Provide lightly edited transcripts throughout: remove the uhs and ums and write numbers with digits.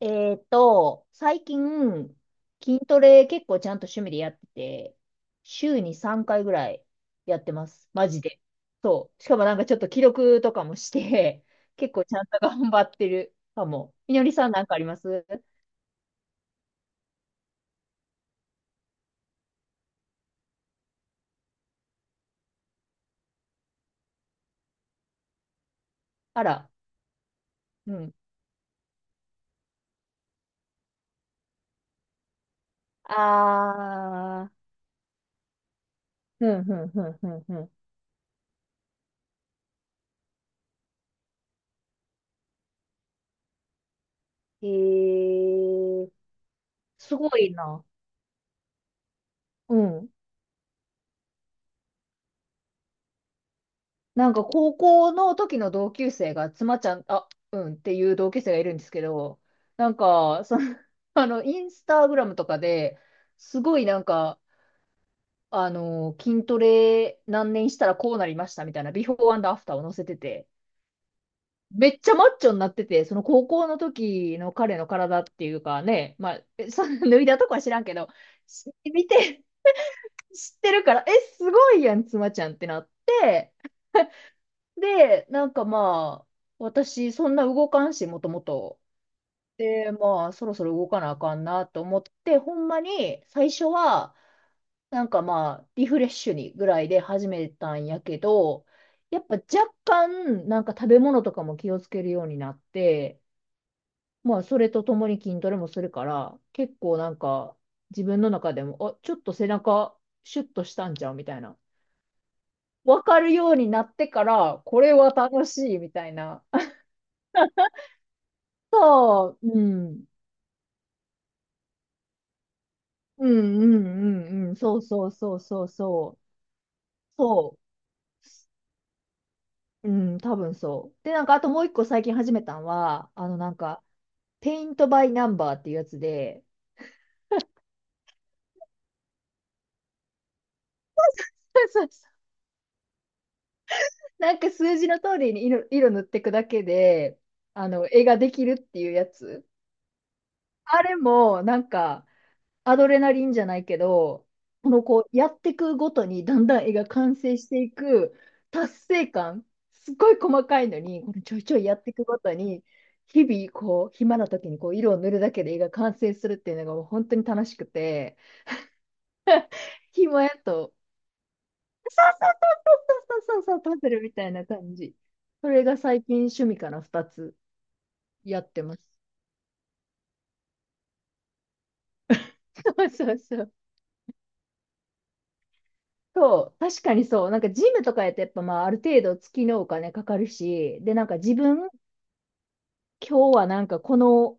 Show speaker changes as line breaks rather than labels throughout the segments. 最近、筋トレ結構ちゃんと趣味でやってて、週に3回ぐらいやってます。マジで。そう。しかもなんかちょっと記録とかもして、結構ちゃんと頑張ってるかも。みのりさんなんかあります？あら。うん。あー。うん、うん、うん、うん、うん。えー、すごいな。うん。なんか高校の時の同級生が、妻ちゃん、あ、うんっていう同級生がいるんですけど、なんか、その、あの、インスタグラムとかで、すごいなんか、あの、筋トレ何年したらこうなりましたみたいな、ビフォーアフターを載せてて、めっちゃマッチョになってて、その高校の時の彼の体っていうかね、まあ、えその脱いだとこは知らんけど、し見て、知ってるから、え、すごいやん、妻ちゃんってなって、で、なんかまあ、私、そんな動かんし、もともと。で、まあ、そろそろ動かなあかんなと思って、ほんまに最初は、なんかまあ、リフレッシュにぐらいで始めたんやけど、やっぱ若干、なんか食べ物とかも気をつけるようになって、まあ、それとともに筋トレもするから、結構なんか、自分の中でも、あ、ちょっと背中、シュッとしたんちゃうみたいな。わかるようになってから、これは楽しいみたいな。そう、うん。うんうんうんうん。そうそうそうそうそう。そう。うん、多分そう。で、なんか、あともう一個最近始めたんは、あの、なんか、ペイントバイナンバーっていうやつで、そうそうそう。なんか数字の通りに色、色塗っていくだけで、あの、絵ができるっていうやつ。あれも、なんか、アドレナリンじゃないけど、このこう、やっていくごとにだんだん絵が完成していく達成感、すっごい細かいのに、このちょいちょいやっていくごとに、日々こう、暇な時にこう、色を塗るだけで絵が完成するっていうのがもう本当に楽しくて、暇やと、そうそうそう、パズルみたいな感じ。それが最近趣味から2つやってます。そうそうそう。そう、確かにそう。なんかジムとかやってやっぱまあある程度月のお金かかるし、でなんか自分今日はなんかこの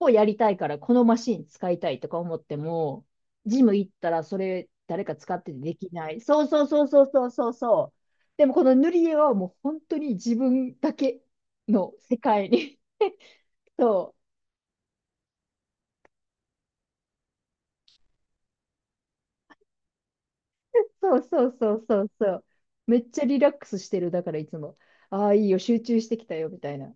をやりたいから、このマシン使いたいとか思っても、ジム行ったらそれ誰か使っててできない。そうそうそうそうそうそうそう。でもこの塗り絵はもう本当に自分だけの世界に。そう。そうそうそうそうそう。めっちゃリラックスしてる。だからいつも、ああ、いいよ、集中してきたよ、みたいな。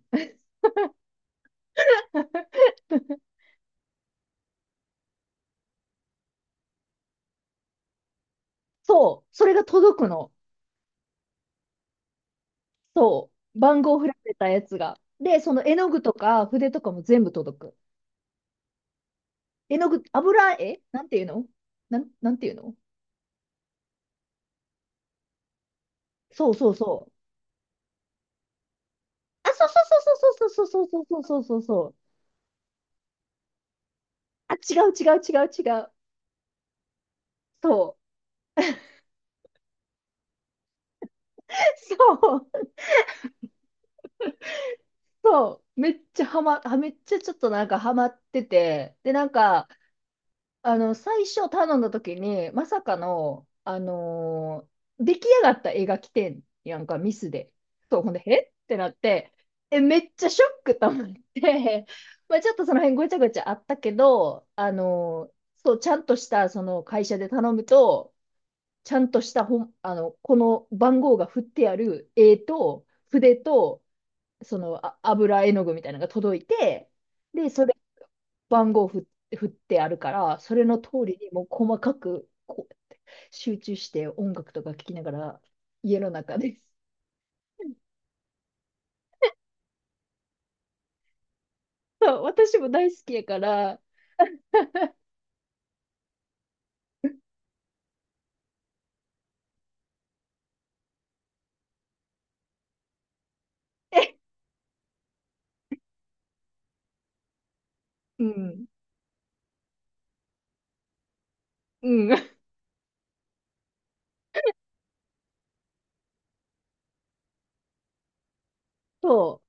そう、それが届くの。そう。番号振られたやつが。で、その絵の具とか筆とかも全部届く。絵の具、油絵なんていうの？なんていうの？そうそうそう。あ、そうそうそうそうそうそうそうそうそうそうそう。あ、違う違う違う違う。そう。そう。そう。めっちゃはま、は、めっちゃちょっとなんかハマってて。で、なんか、あの、最初頼んだ時に、まさかの、出来上がった絵が来てんやんか、ミスで。そう、ほんで、えってなって、え、めっちゃショックと思って、まあちょっとその辺ごちゃごちゃあったけど、そう、ちゃんとした、その会社で頼むと、ちゃんとしたほん、あの、この番号が振ってある絵と、筆と、その、あ、油絵の具みたいなのが届いて、で、それ番号ふ、振ってあるから、それの通りにもう細かくこう集中して音楽とか聴きながら家の中です。そう私も大好きやから、えうん、うん、そ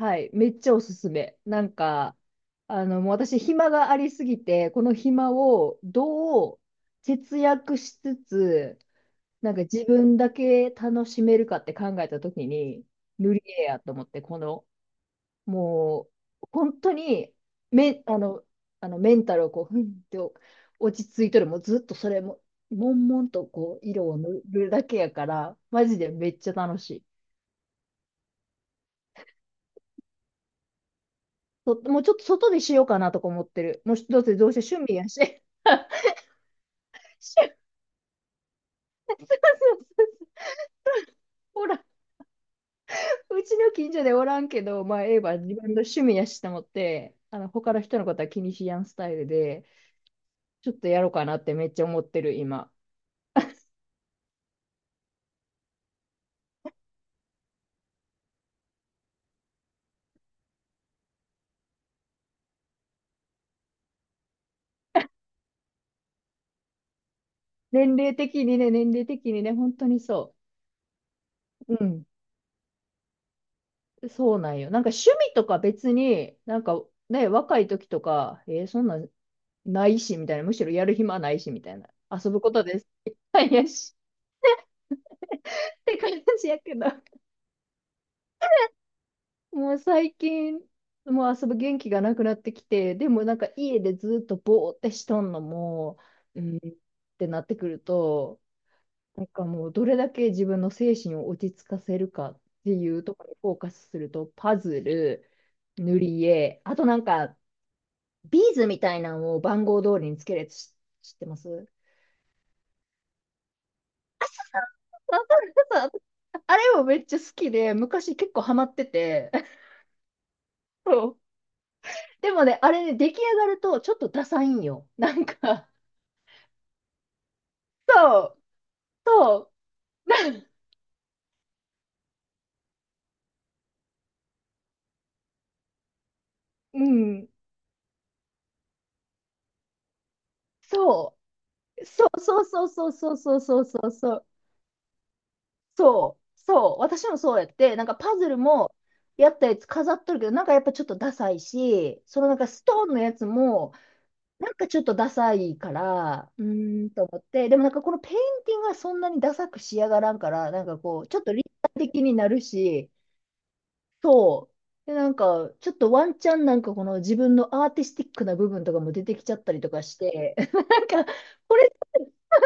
う、はい、めっちゃおすすめ。なんか、あの、もう私、暇がありすぎて、この暇をどう節約しつつ、なんか自分だけ楽しめるかって考えたときに、塗り絵やと思って、このもう、本当に、め、あの、あのメンタルをこう、ふんって落ち着いとる、もうずっとそれも、悶々とこう、色を塗るだけやから、マジでめっちゃ楽しい。ともうちょっと外でしようかなとか思ってる。もうどうせどうせ趣味やし。そうそうそう。ほら、うちの近所でおらんけど、まあ、エヴァ自分の趣味やしと思って、あの、他の人のことは気にしやんスタイルで、ちょっとやろうかなってめっちゃ思ってる、今。年齢的にね、年齢的にね、本当にそう。うん。そうなんよ。なんか趣味とか別に、なんかね、若い時とか、えーそんなんないし、みたいな。むしろやる暇ないし、みたいな。遊ぶことです。よしって感じやけど、もう最近、もう遊ぶ元気がなくなってきて、でもなんか家でずっとぼーってしとんのも、うんってなってくると、なんかもうどれだけ自分の精神を落ち着かせるかっていうところにフォーカスすると、パズル、塗り絵、あとなんかビーズみたいなのを番号通りにつけるやつ知ってますわかるそう。あれもめっちゃ好きで、昔結構ハマってて。そう。でもね、あれね、出来上がるとちょっとダサいんよ。なんか、そう、そう、うん、そう、そうそうそうそうそうそうそうそう、そう、そう私もそうやって、なんかパズルもやったやつ飾っとるけど、なんかやっぱちょっとダサいし、そのなんかストーンのやつも、なんかちょっとダサいから、うーん。と思って、でもなんかこのペインティングはそんなにダサく仕上がらんから、なんかこう、ちょっと立体的になるし、そう。で、なんか、ちょっとワンチャンなんかこの自分のアーティスティックな部分とかも出てきちゃったりとかして、なんか、これ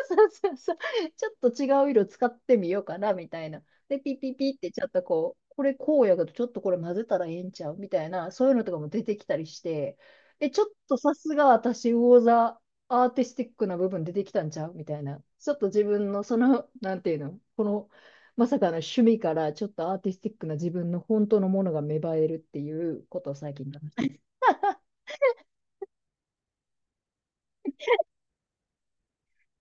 そうそうそう。ちょっと違う色使ってみようかな、みたいな。で、ピピピってちょっとこう、これこうやけど、ちょっとこれ混ぜたらええんちゃうみたいな、そういうのとかも出てきたりして、え、ちょっとさすが私、魚座アーティスティックな部分出てきたんちゃうみたいな。ちょっと自分のその、なんていうの、この、まさかの趣味からちょっとアーティスティックな自分の本当のものが芽生えるっていうことを最近だな。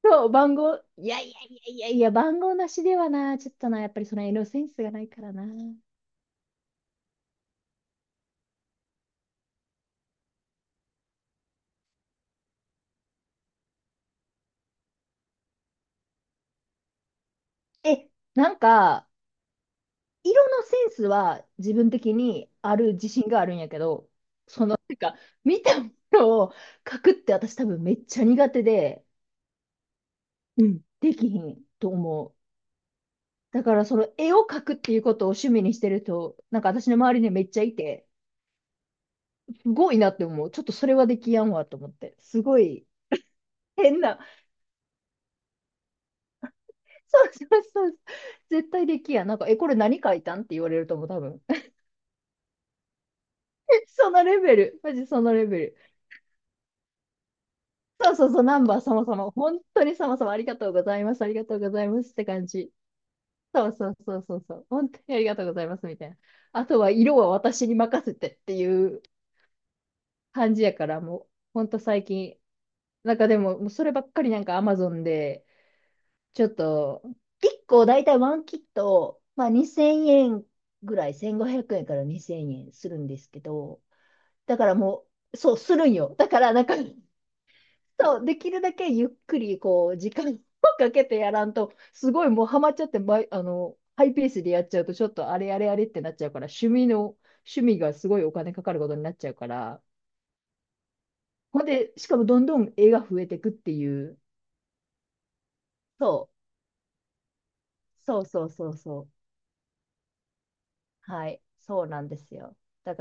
そう、番号、いやいやいやいやいや、番号なしではな、ちょっとな、やっぱりその色センスがないからな。え、なんか、色のセンスは自分的にある自信があるんやけど、その、なんか、見たものを書くって私多分めっちゃ苦手で、うん。できひんと思う。だからその絵を描くっていうことを趣味にしてる人、なんか私の周りにめっちゃいて、すごいなって思う。ちょっとそれはできやんわと思って。すごい変な、そうそうそう。絶対できやん。なんか、え、これ何書いたんって言われると思う、多分。そのレベル。マジそのレベル。そうそうそう、ナンバー様様。本当に様様ありがとうございます。ありがとうございますって感じ。そうそうそうそうそう。本当にありがとうございますみたいな。あとは色は私に任せてっていう感じやから、もう、本当最近。なんかでも、もうそればっかりなんか Amazon で、ちょっと、1個大体ワンキット、まあ2000円ぐらい、1500円から2000円するんですけど、だからもう、そう、するんよ。だからなんか、そう、できるだけゆっくり、こう、時間をかけてやらんと、すごいもうハマっちゃって、ま、あの、ハイペースでやっちゃうと、ちょっとあれあれあれってなっちゃうから、趣味がすごいお金かかることになっちゃうから、ほんで、しかもどんどん絵が増えてくっていう、そう、そうそうそうそう、はい、そうなんですよ。だ